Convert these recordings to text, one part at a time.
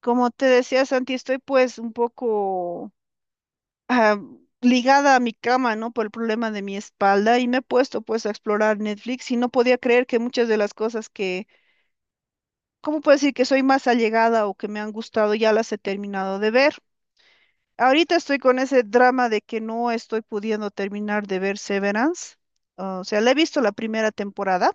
Como te decía, Santi, estoy pues un poco ah, ligada a mi cama, ¿no? Por el problema de mi espalda y me he puesto pues a explorar Netflix y no podía creer que muchas de las cosas que, ¿cómo puedo decir que soy más allegada o que me han gustado ya las he terminado de ver? Ahorita estoy con ese drama de que no estoy pudiendo terminar de ver Severance. O sea, la he visto la primera temporada.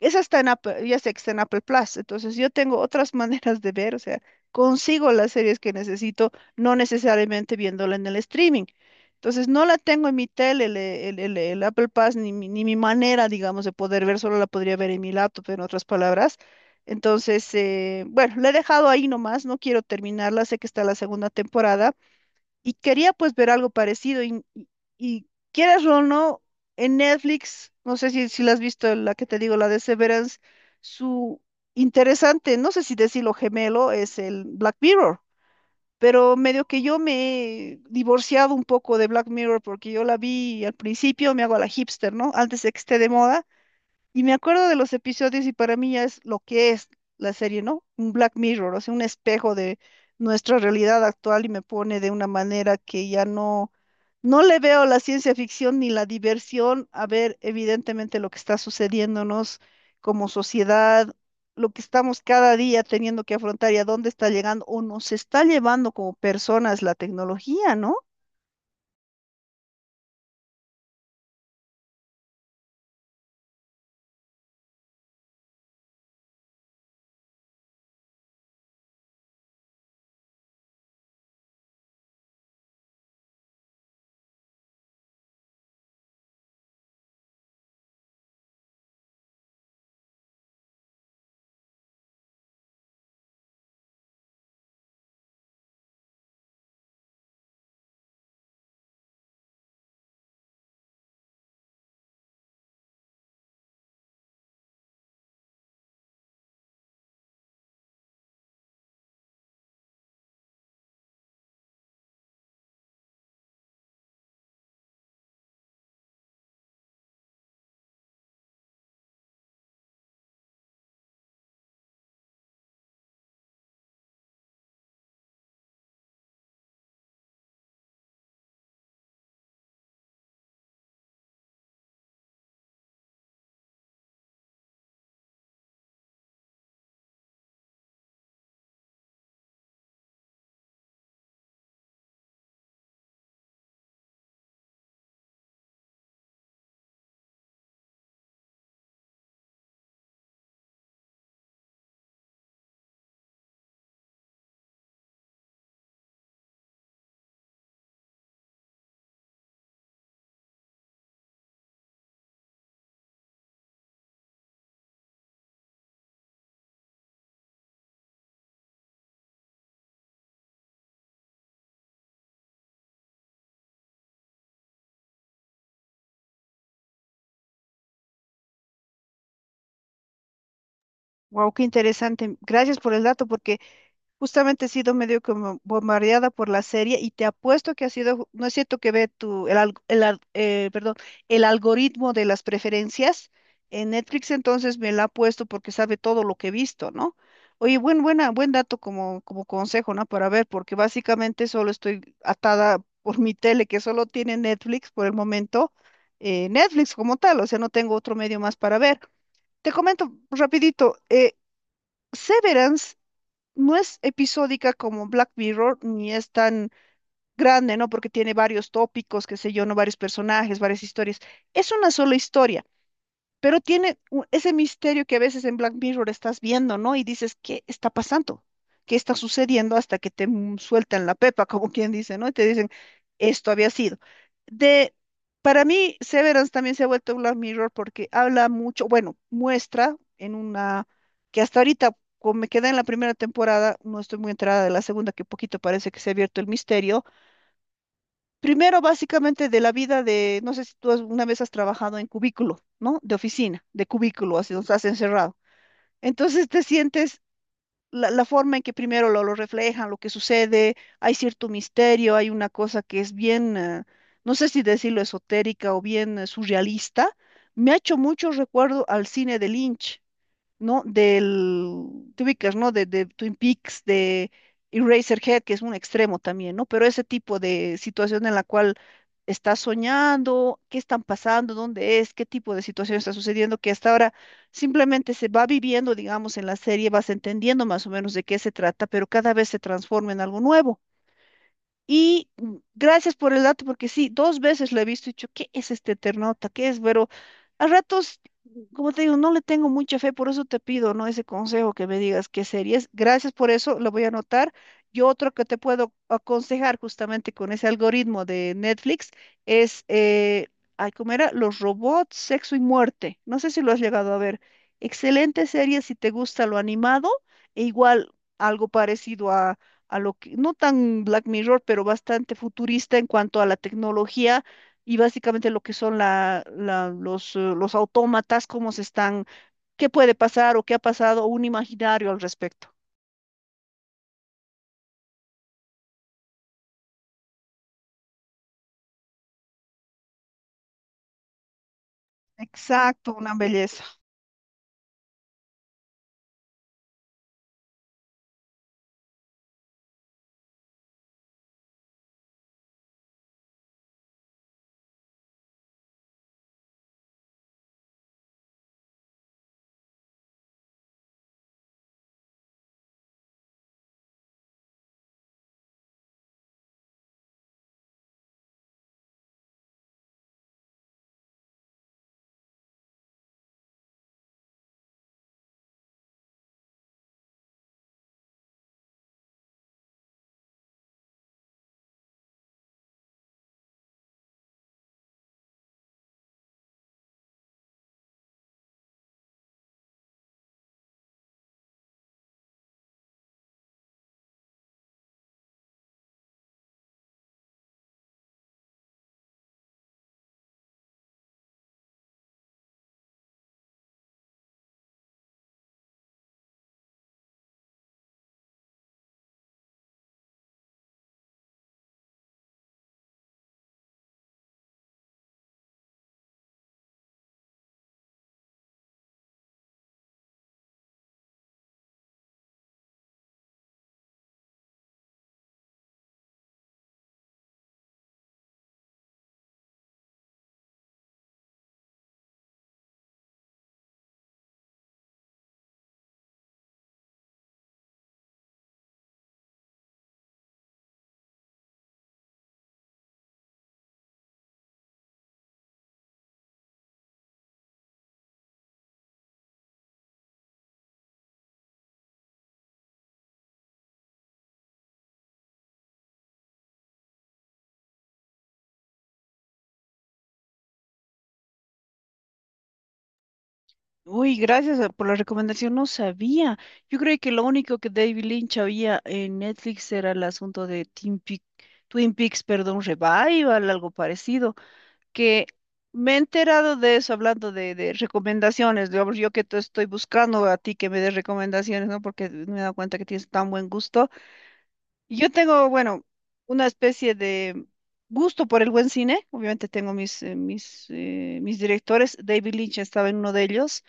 Esa está en Apple, ya sé que está en Apple Plus, entonces yo tengo otras maneras de ver, o sea, consigo las series que necesito, no necesariamente viéndola en el streaming. Entonces no la tengo en mi tele, el Apple Plus, ni, ni mi manera, digamos, de poder ver, solo la podría ver en mi laptop, en otras palabras. Entonces, bueno, la he dejado ahí nomás, no quiero terminarla, sé que está la segunda temporada, y quería pues ver algo parecido y quieras o no, en Netflix, no sé si la has visto, la que te digo, la de Severance, su interesante, no sé si decirlo gemelo, es el Black Mirror, pero medio que yo me he divorciado un poco de Black Mirror porque yo la vi al principio, me hago a la hipster, ¿no? Antes de que esté de moda. Y me acuerdo de los episodios y para mí ya es lo que es la serie, ¿no? Un Black Mirror, o sea, un espejo de nuestra realidad actual y me pone de una manera que ya no, no le veo la ciencia ficción ni la diversión a ver evidentemente lo que está sucediéndonos como sociedad, lo que estamos cada día teniendo que afrontar y a dónde está llegando o nos está llevando como personas la tecnología, ¿no? Wow, qué interesante. Gracias por el dato porque justamente he sido medio como bombardeada por la serie y te apuesto que ha sido, no es cierto que ve tu, el, alg- el al- perdón, el algoritmo de las preferencias en Netflix, entonces me la ha puesto porque sabe todo lo que he visto, ¿no? Oye, buen dato como consejo, ¿no? Para ver, porque básicamente solo estoy atada por mi tele, que solo tiene Netflix por el momento, Netflix como tal, o sea, no tengo otro medio más para ver. Te comento rapidito, Severance no es episódica como Black Mirror, ni es tan grande, ¿no? Porque tiene varios tópicos, qué sé yo, ¿no? Varios personajes, varias historias. Es una sola historia pero tiene ese misterio que a veces en Black Mirror estás viendo, ¿no? Y dices, ¿qué está pasando? ¿Qué está sucediendo? Hasta que te sueltan la pepa, como quien dice, ¿no? Y te dicen, esto había sido. De, para mí, Severance también se ha vuelto Black Mirror porque habla mucho, bueno, muestra en una, que hasta ahorita, como me quedé en la primera temporada, no estoy muy enterada de la segunda, que poquito parece que se ha abierto el misterio. Primero, básicamente, de la vida de, no sé si tú alguna vez has trabajado en cubículo, ¿no? De oficina, de cubículo, así donde estás encerrado. Entonces te sientes la forma en que primero lo reflejan, lo que sucede, hay cierto misterio, hay una cosa que es bien, no sé si decirlo esotérica o bien surrealista. Me ha hecho mucho recuerdo al cine de Lynch, ¿no? Te ubicas, ¿no? De Twin Peaks, de Eraserhead, que es un extremo también, ¿no? Pero ese tipo de situación en la cual estás soñando, qué están pasando, dónde es, qué tipo de situación está sucediendo, que hasta ahora simplemente se va viviendo, digamos, en la serie, vas entendiendo más o menos de qué se trata, pero cada vez se transforma en algo nuevo. Y gracias por el dato, porque sí, dos veces lo he visto y he dicho, ¿qué es este Eternauta? ¿Qué es? Pero a ratos, como te digo, no le tengo mucha fe, por eso te pido, ¿no? Ese consejo que me digas qué series. Gracias por eso, lo voy a anotar. Y otro que te puedo aconsejar justamente con ese algoritmo de Netflix es, ay, ¿cómo era? Los robots, sexo y muerte. No sé si lo has llegado a ver. Excelente serie si te gusta lo animado e igual algo parecido a lo que, no tan Black Mirror, pero bastante futurista en cuanto a la tecnología y básicamente lo que son los autómatas, cómo se están, qué puede pasar o qué ha pasado, o un imaginario al respecto. Exacto, una belleza. Uy, gracias por la recomendación, no sabía. Yo creo que lo único que David Lynch había en Netflix era el asunto de Twin Peaks, perdón, Revival, algo parecido. Que me he enterado de eso hablando de recomendaciones, digamos, yo que te estoy buscando a ti que me des recomendaciones, ¿no? Porque me he dado cuenta que tienes tan buen gusto. Yo tengo, bueno, una especie de gusto por el buen cine, obviamente tengo mis directores, David Lynch estaba en uno de ellos,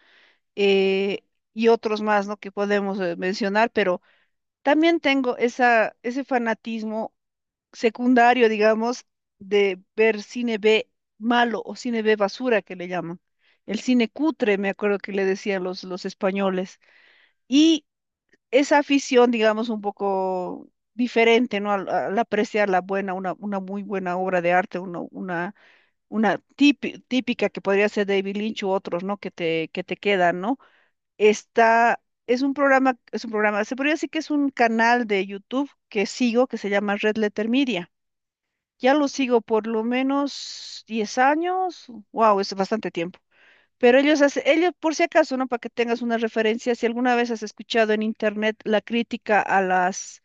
eh, y otros más, ¿no? Que podemos mencionar, pero también tengo ese fanatismo secundario, digamos, de ver cine B malo o cine B basura que le llaman. El cine cutre, me acuerdo que le decían los españoles. Y esa afición, digamos, un poco diferente, ¿no? Al apreciar la buena, una muy buena obra de arte, típica que podría ser David Lynch u otros, ¿no? Que te quedan, ¿no? Está, es un programa, se podría decir que es un canal de YouTube que sigo que se llama Red Letter Media. Ya lo sigo por lo menos 10 años. Wow, es bastante tiempo. Pero ellos hacen, ellos, por si acaso, ¿no? Para que tengas una referencia, si alguna vez has escuchado en internet la crítica a las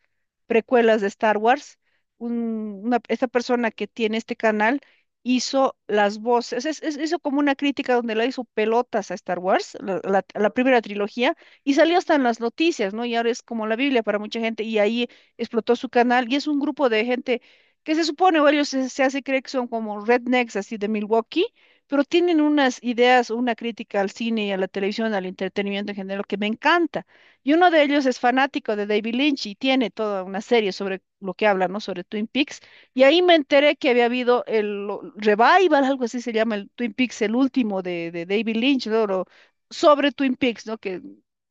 precuelas de Star Wars, esta persona que tiene este canal hizo las voces, hizo como una crítica donde la hizo pelotas a Star Wars, la primera trilogía, y salió hasta en las noticias, ¿no? Y ahora es como la Biblia para mucha gente, y ahí explotó su canal, y es un grupo de gente que se supone, o ellos se hace creer que son como rednecks así de Milwaukee pero tienen unas ideas, una crítica al cine y a la televisión, al entretenimiento en general, que me encanta. Y uno de ellos es fanático de David Lynch y tiene toda una serie sobre lo que habla, ¿no? Sobre Twin Peaks. Y ahí me enteré que había habido el revival, algo así se llama, el Twin Peaks, el último de David Lynch, ¿no? Sobre Twin Peaks, ¿no? Que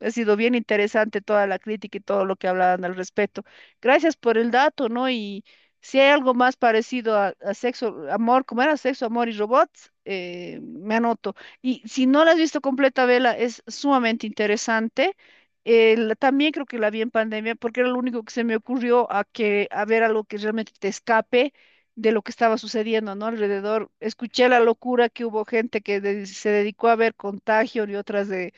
ha sido bien interesante toda la crítica y todo lo que hablaban al respecto. Gracias por el dato, ¿no? Y si hay algo más parecido a sexo, amor, ¿cómo era? Sexo, amor y robots, me anoto. Y si no la has visto completa, vela, es sumamente interesante. También creo que la vi en pandemia porque era lo único que se me ocurrió a que a ver algo que realmente te escape de lo que estaba sucediendo, ¿no? Alrededor. Escuché la locura que hubo gente que se dedicó a ver Contagio y otras de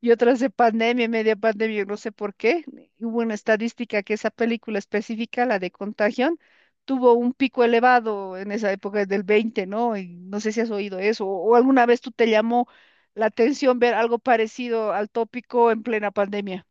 y otras de pandemia, media pandemia, yo no sé por qué. Hubo una estadística que esa película específica, la de Contagion, tuvo un pico elevado en esa época del 20, ¿no? Y no sé si has oído eso o alguna vez tú te llamó la atención ver algo parecido al tópico en plena pandemia.